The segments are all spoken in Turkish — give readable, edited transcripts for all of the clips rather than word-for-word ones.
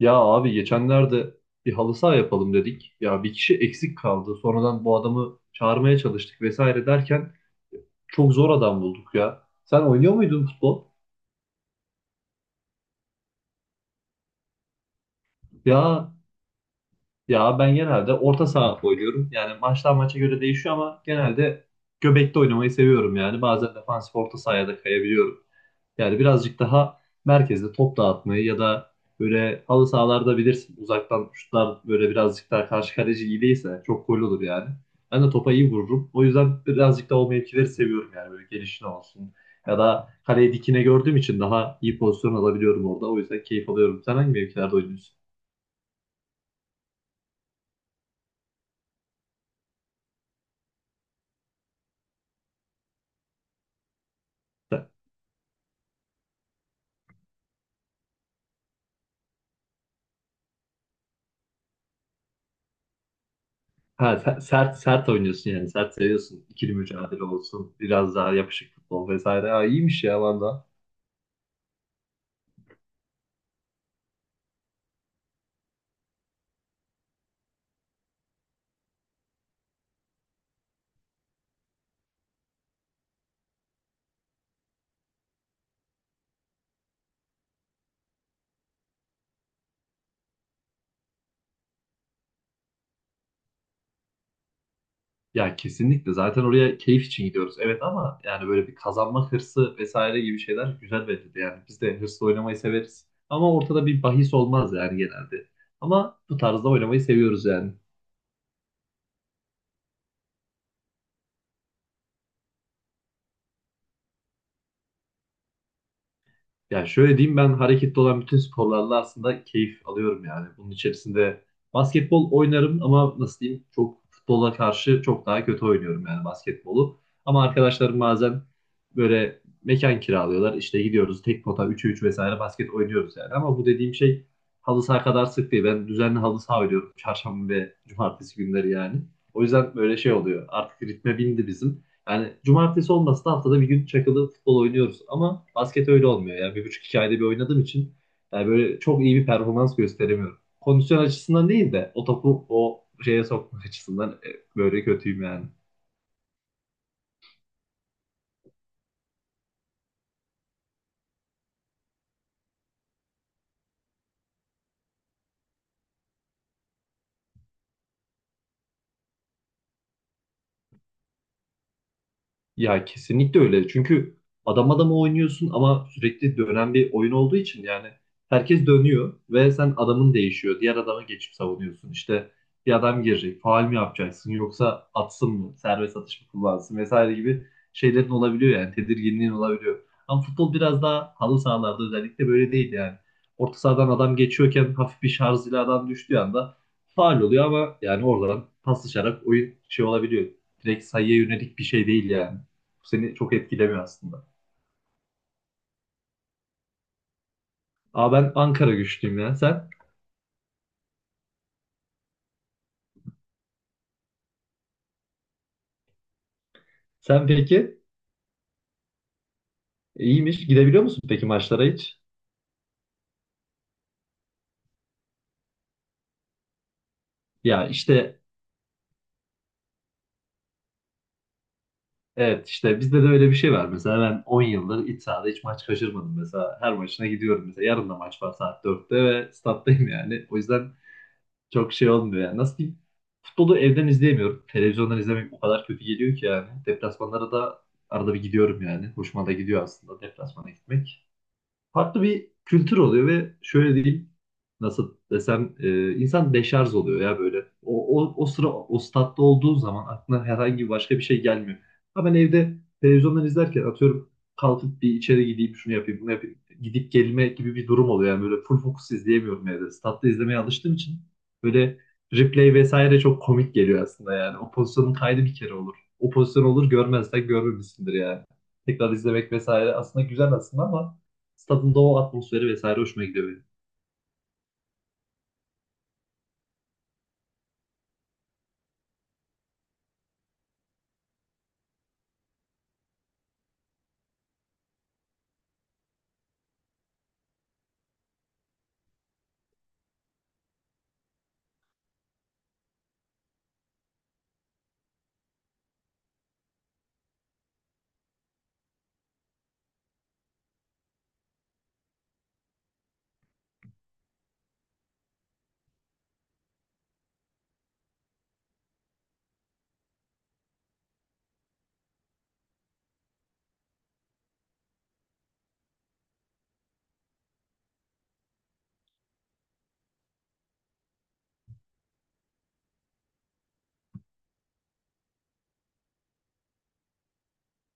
Ya abi geçenlerde bir halı saha yapalım dedik. Ya bir kişi eksik kaldı. Sonradan bu adamı çağırmaya çalıştık vesaire derken çok zor adam bulduk ya. Sen oynuyor muydun futbol? Ya Ya ben genelde orta saha oynuyorum. Yani maçtan maça göre değişiyor ama genelde göbekte oynamayı seviyorum yani. Bazen defansif orta sahaya da kayabiliyorum. Yani birazcık daha merkezde top dağıtmayı ya da böyle halı sahalarda bilirsin uzaktan şutlar böyle birazcık daha karşı kaleci iyi değilse çok gol olur yani. Ben de topa iyi vururum. O yüzden birazcık daha o mevkileri seviyorum yani böyle gelişine olsun. Ya da kaleyi dikine gördüğüm için daha iyi pozisyon alabiliyorum orada. O yüzden keyif alıyorum. Sen hangi mevkilerde oynuyorsun? Ha, sert sert oynuyorsun yani. Sert seviyorsun. İkili mücadele olsun. Biraz daha yapışık futbol vesaire. Ha, iyiymiş ya valla. Ya kesinlikle. Zaten oraya keyif için gidiyoruz. Evet ama yani böyle bir kazanma hırsı vesaire gibi şeyler güzel verildi. Yani biz de hırsla oynamayı severiz. Ama ortada bir bahis olmaz yani genelde. Ama bu tarzda oynamayı seviyoruz yani. Yani şöyle diyeyim ben hareketli olan bütün sporlarla aslında keyif alıyorum yani. Bunun içerisinde basketbol oynarım ama nasıl diyeyim çok futbola karşı çok daha kötü oynuyorum yani basketbolu. Ama arkadaşlarım bazen böyle mekan kiralıyorlar işte gidiyoruz tek pota 3'e 3 vesaire basket oynuyoruz yani. Ama bu dediğim şey halı saha kadar sık değil. Ben düzenli halı saha oynuyorum çarşamba ve cumartesi günleri yani. O yüzden böyle şey oluyor artık ritme bindi bizim. Yani cumartesi olmasa da haftada bir gün çakılı futbol oynuyoruz. Ama basket öyle olmuyor. Yani bir buçuk iki ayda bir oynadığım için yani böyle çok iyi bir performans gösteremiyorum. Kondisyon açısından değil de o topu o şeye sokma açısından böyle kötüyüm yani. Ya kesinlikle öyle. Çünkü adam adama oynuyorsun ama sürekli dönen bir oyun olduğu için yani herkes dönüyor ve sen adamın değişiyor. Diğer adama geçip savunuyorsun. İşte bir adam girecek. Faul mü yapacaksın yoksa atsın mı? Serbest atış mı kullansın vesaire gibi şeylerin olabiliyor yani. Tedirginliğin olabiliyor. Ama futbol biraz daha halı sahalarda özellikle böyle değil yani. Orta sahadan adam geçiyorken hafif bir şarj ile adam düştüğü anda faul oluyor ama yani oradan paslaşarak oyun şey olabiliyor. Direkt sayıya yönelik bir şey değil yani seni çok etkilemiyor aslında. Aa ben Ankara güçlüyüm ya. Sen? Sen peki? İyiymiş. Gidebiliyor musun peki maçlara hiç? Ya işte evet işte bizde de öyle bir şey var. Mesela ben 10 yıldır iç sahada hiç maç kaçırmadım. Mesela her maçına gidiyorum. Mesela yarın da maç var saat 4'te ve stattayım yani. O yüzden çok şey olmuyor yani. Nasıl diyeyim? Futbolu evden izleyemiyorum. Televizyondan izlemek o kadar kötü geliyor ki yani. Deplasmanlara da arada bir gidiyorum yani. Hoşuma da gidiyor aslında deplasmana gitmek. Farklı bir kültür oluyor ve şöyle diyeyim nasıl desem insan deşarj oluyor ya böyle. O sıra o statta olduğu zaman aklına herhangi başka bir şey gelmiyor. Ama ben evde televizyondan izlerken atıyorum kalkıp bir içeri gideyim şunu yapayım bunu yapayım gidip gelme gibi bir durum oluyor. Yani böyle full fokus izleyemiyorum evde. Statta izlemeye alıştığım için böyle replay vesaire çok komik geliyor aslında yani. O pozisyonun kaydı bir kere olur. O pozisyon olur görmezsen görmemişsindir yani. Tekrar izlemek vesaire aslında güzel aslında ama stadın da o atmosferi vesaire hoşuma gidiyor benim.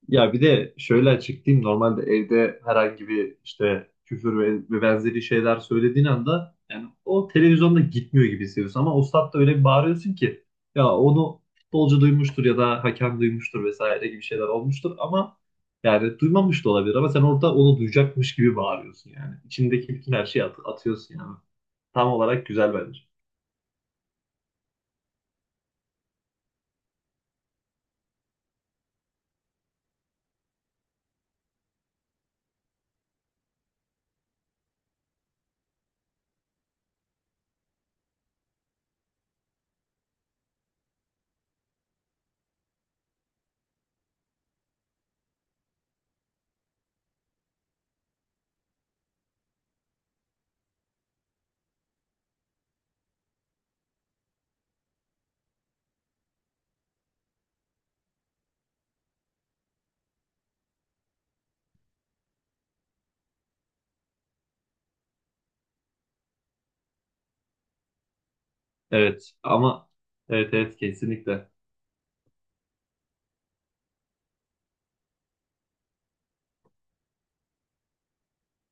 Ya bir de şöyle açıklayayım. Normalde evde herhangi bir işte küfür ve benzeri şeyler söylediğin anda yani o televizyonda gitmiyor gibi hissediyorsun ama o statta öyle bir bağırıyorsun ki ya onu futbolcu duymuştur ya da hakem duymuştur vesaire gibi şeyler olmuştur ama yani duymamış da olabilir ama sen orada onu duyacakmış gibi bağırıyorsun yani. İçindeki bütün her şeyi atıyorsun yani. Tam olarak güzel bence. Evet, ama evet, evet, kesinlikle.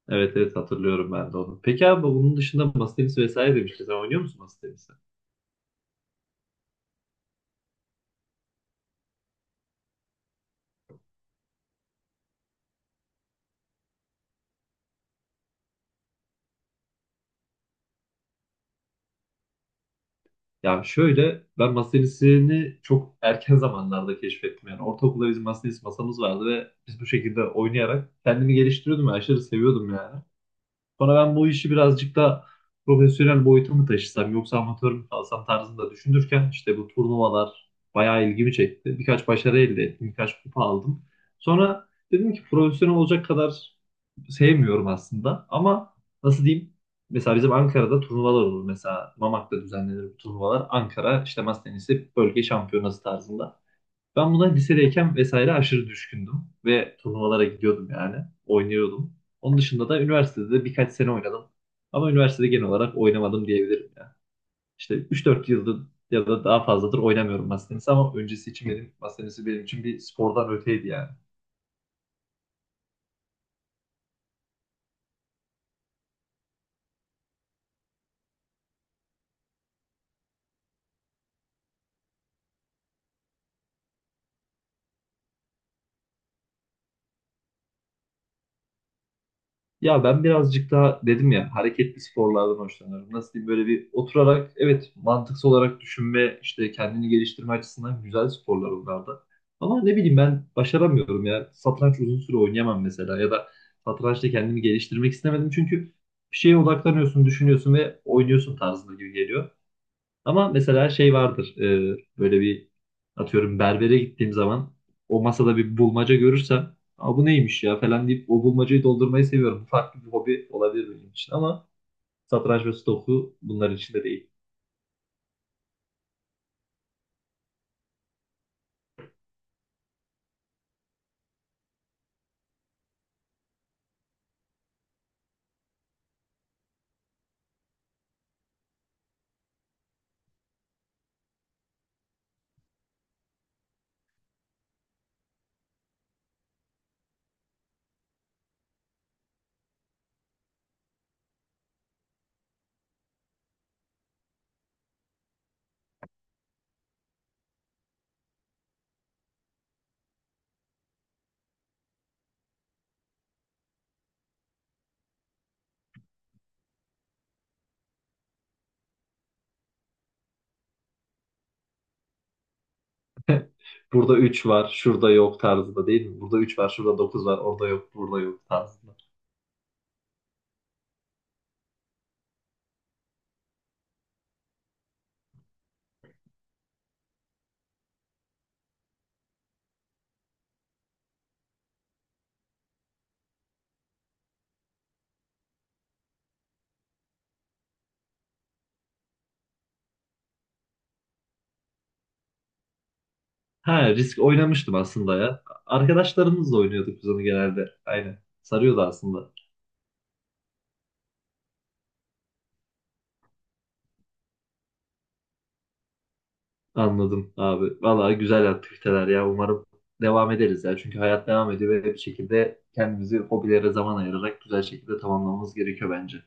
Evet, evet, hatırlıyorum ben de onu. Peki abi bunun dışında masa tenisi vesaire demiştin. Sen oynuyor musun masa tenisi? Ya şöyle ben masa tenisini çok erken zamanlarda keşfettim. Yani ortaokulda bizim masa tenisi masamız vardı ve biz bu şekilde oynayarak kendimi geliştiriyordum ve aşırı seviyordum yani. Sonra ben bu işi birazcık da profesyonel boyuta mı taşısam yoksa amatör mü kalsam tarzında düşünürken işte bu turnuvalar bayağı ilgimi çekti. Birkaç başarı elde ettim, birkaç kupa aldım. Sonra dedim ki profesyonel olacak kadar sevmiyorum aslında ama nasıl diyeyim? Mesela bizim Ankara'da turnuvalar olur. Mesela Mamak'ta düzenlenir bu turnuvalar. Ankara işte masa tenisi bölge şampiyonası tarzında. Ben buna lisedeyken vesaire aşırı düşkündüm ve turnuvalara gidiyordum yani. Oynuyordum. Onun dışında da üniversitede de birkaç sene oynadım. Ama üniversitede genel olarak oynamadım diyebilirim ya. İşte 3 4 yıldır ya da daha fazladır oynamıyorum masa tenisi ama öncesi için benim masa tenisi benim için bir spordan öteydi yani. Ya ben birazcık daha dedim ya hareketli sporlardan hoşlanıyorum. Nasıl diyeyim böyle bir oturarak evet mantıksal olarak düşünme işte kendini geliştirme açısından güzel sporlar onlar da. Ama ne bileyim ben başaramıyorum ya. Satranç uzun süre oynayamam mesela ya da satrançta kendimi geliştirmek istemedim çünkü bir şeye odaklanıyorsun, düşünüyorsun ve oynuyorsun tarzında gibi geliyor. Ama mesela şey vardır. Böyle bir atıyorum berbere gittiğim zaman o masada bir bulmaca görürsem, aa, bu neymiş ya falan deyip o bulmacayı doldurmayı seviyorum. Bu farklı bir hobi olabilir benim için ama satranç ve stoku bunların içinde değil. Burada 3 var, şurada yok tarzında değil mi? Burada 3 var, şurada 9 var, orada yok, burada yok tarzında. Ha, risk oynamıştım aslında ya. Arkadaşlarımızla oynuyorduk biz onu genelde. Aynen. Sarıyordu aslında. Anladım abi. Vallahi güzel aktiviteler ya. Umarım devam ederiz ya. Çünkü hayat devam ediyor ve bir şekilde kendimizi hobilere zaman ayırarak güzel şekilde tamamlamamız gerekiyor bence.